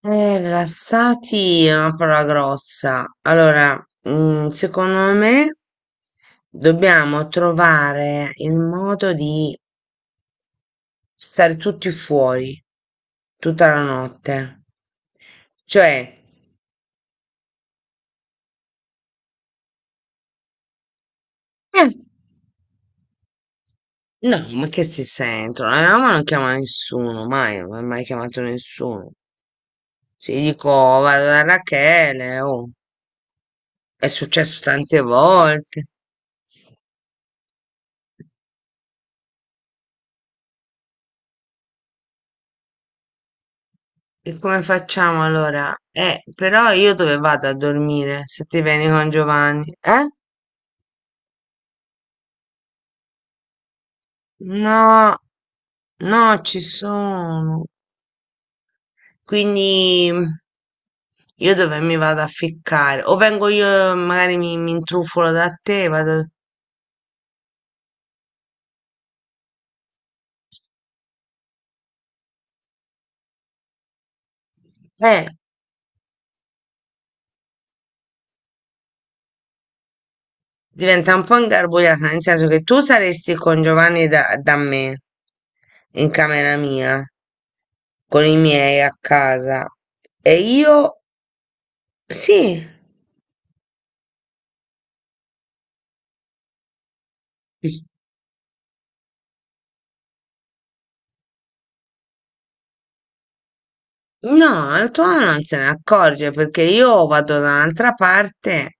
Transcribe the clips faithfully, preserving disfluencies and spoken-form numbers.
Eh, rilassati è una parola grossa. Allora, mm, secondo me dobbiamo trovare il modo di stare tutti fuori tutta la notte. Cioè, eh, no, ma che si sentono? La mia mamma non chiama nessuno, mai, non ha mai chiamato nessuno. Se gli dico, "Oh, vado da Rachele, oh, è successo tante volte. E come facciamo allora? Eh, però io dove vado a dormire se ti vieni con Giovanni? Eh? No, no, ci sono. Quindi mm, io dove mi vado a ficcare? O vengo io, magari mi, mi intrufolo da te, vado... Eh, diventa un po' ingarbugliata, nel senso che tu saresti con Giovanni da, da me, in camera mia, con i miei a casa. E io... Sì. No, la tua mamma non se ne accorge perché io vado da un'altra parte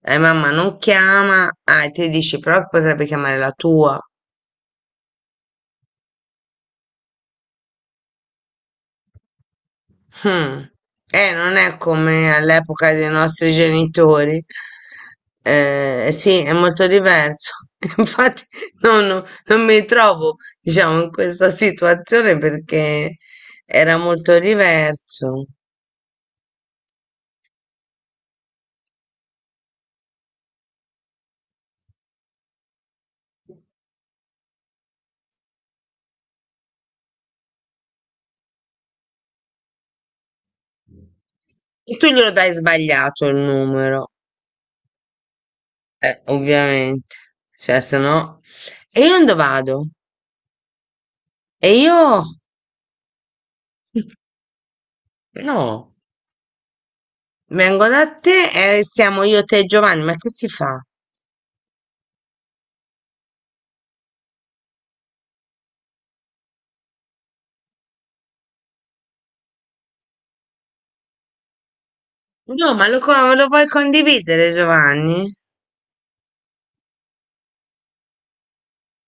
e mamma non chiama, ah, e te dici però che potrebbe chiamare la tua. Hmm. Eh, non è come all'epoca dei nostri genitori. Eh, sì, è molto diverso. Infatti, no, no, non mi trovo, diciamo, in questa situazione perché era molto diverso. E tu glielo dai sbagliato il numero. Eh, ovviamente, cioè se no... E io dove vado? E io... No, vengo da te e siamo io, te e Giovanni, ma che si fa? No, ma lo, co- lo vuoi condividere, Giovanni?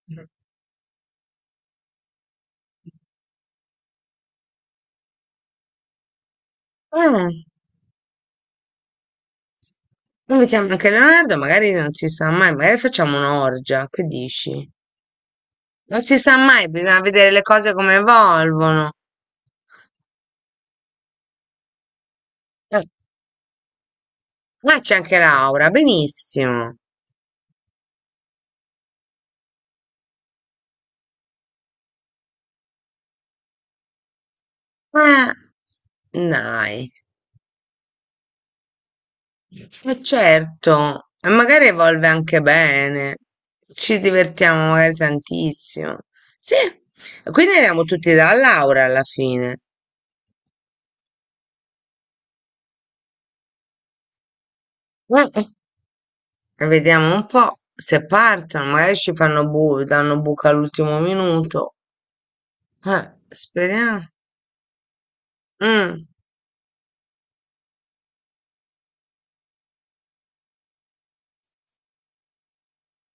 Eh, noi mettiamo anche Leonardo, magari non si sa mai, magari facciamo un'orgia, che dici? Non si sa mai, bisogna vedere le cose come evolvono. Eh, ma c'è anche Laura, benissimo. Eh, dai. E certo, e magari evolve anche bene, ci divertiamo magari tantissimo. Sì, e quindi andiamo tutti da Laura alla fine. Mm. E vediamo un po' se partono, magari ci fanno bu danno buca all'ultimo minuto. Eh, speriamo. Mm.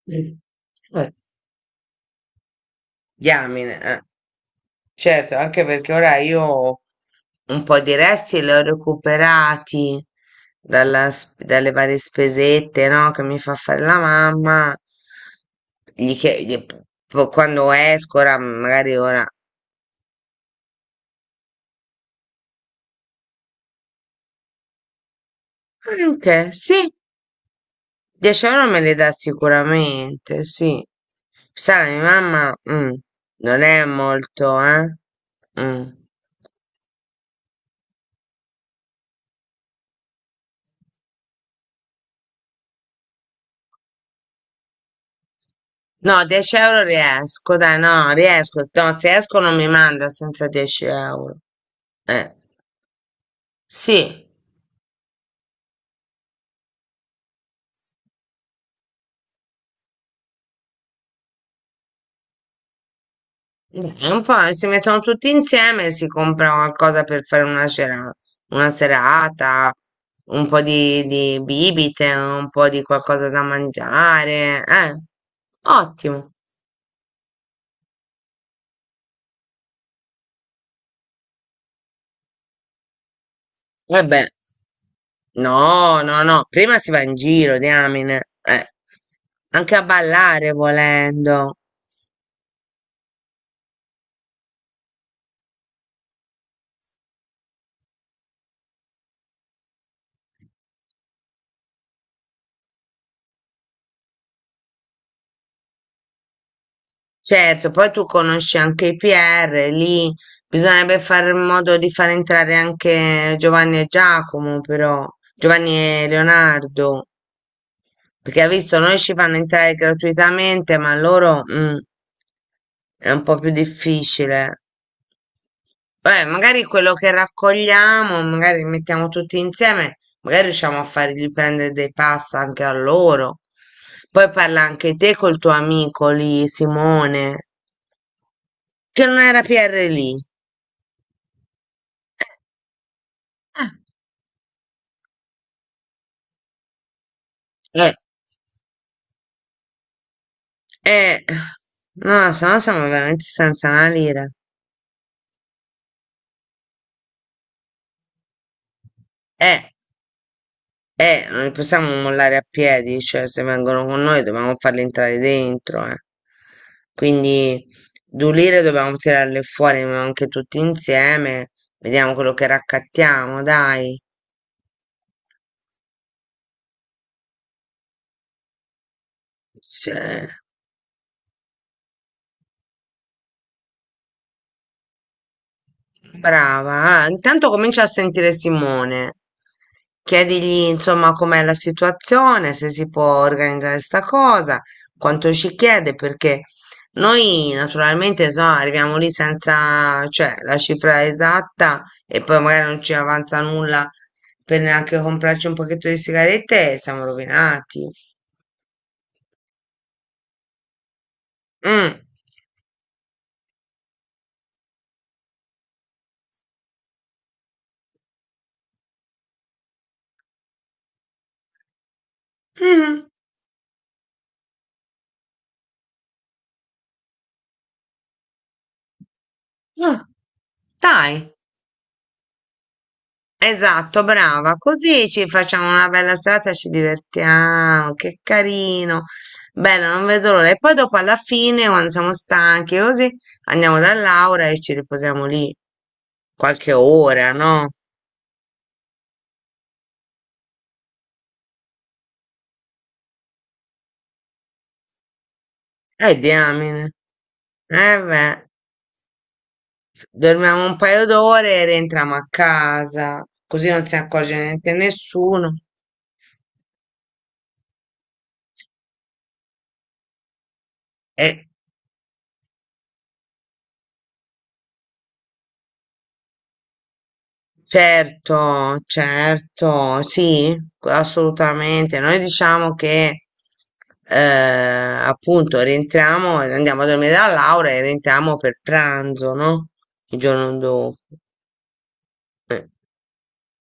Mm. Eh, diamine, eh. Certo, anche perché ora io un po' di resti li ho recuperati dalla sp- dalle varie spesette, no, che mi fa fare la mamma. Gli chie- gli- po- Quando esco, ora magari ora... "Ah, ok, sì, dieci euro me li dà sicuramente, sì. Sai, la mia mamma mm, non è molto, eh? Mm. No, dieci euro riesco, dai, no, riesco. No, se esco non mi manda senza dieci euro. Eh, sì, dai, un po' eh, si mettono tutti insieme e si compra qualcosa per fare una sera- una serata, un po' di, di bibite, un po' di qualcosa da mangiare. Eh, ottimo. Vabbè, no, no, no, prima si va in giro, diamine. Eh, anche a ballare volendo. Certo, poi tu conosci anche i P R, lì bisognerebbe fare in modo di far entrare anche Giovanni e Giacomo, però Giovanni e Leonardo, perché hai visto, noi ci fanno entrare gratuitamente, ma loro mm, è un po' più difficile. Beh, magari quello che raccogliamo, magari li mettiamo tutti insieme, magari riusciamo a fargli prendere dei pass anche a loro. Poi parla anche te col tuo amico lì, Simone, che non era P R lì. Eh, eh, no, se no siamo veramente senza una lira. Eh, eh, non li possiamo mollare a piedi, cioè se vengono con noi dobbiamo farli entrare dentro, eh. Quindi due lire dobbiamo tirarle fuori ma anche tutti insieme. Vediamo quello che raccattiamo, dai. Sì. Brava, ah, intanto comincia a sentire Simone. Chiedigli insomma com'è la situazione, se si può organizzare sta cosa, quanto ci chiede, perché noi naturalmente so, arriviamo lì senza, cioè, la cifra esatta e poi magari non ci avanza nulla per neanche comprarci un pacchetto di sigarette e siamo rovinati. Mm. Mm. Ah, dai. Esatto, brava. Così ci facciamo una bella serata e ci divertiamo. Che carino. Bello, non vedo l'ora. E poi dopo alla fine, quando siamo stanchi, così andiamo da Laura e ci riposiamo lì qualche ora, no? Eh, diamine. Eh beh, dormiamo un paio d'ore e rientriamo a casa, così non si accorge niente nessuno. E certo, certo, sì, assolutamente. Noi diciamo che eh, appunto rientriamo, andiamo a dormire da Laura e rientriamo per pranzo, no? Il giorno dopo.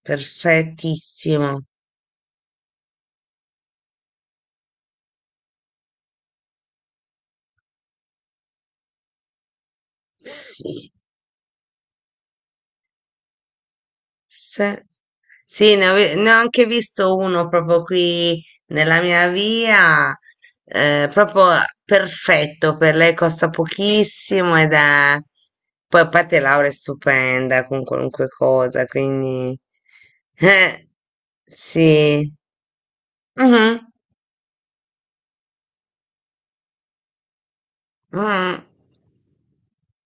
Perfettissimo. Sì. Se- Sì, ne, ave- ne ho anche visto uno proprio qui nella mia via, eh, proprio perfetto per lei, costa pochissimo ed è... Poi a parte Laura è stupenda con qualunque cosa, quindi... Eh, sì. Mhm, mhm.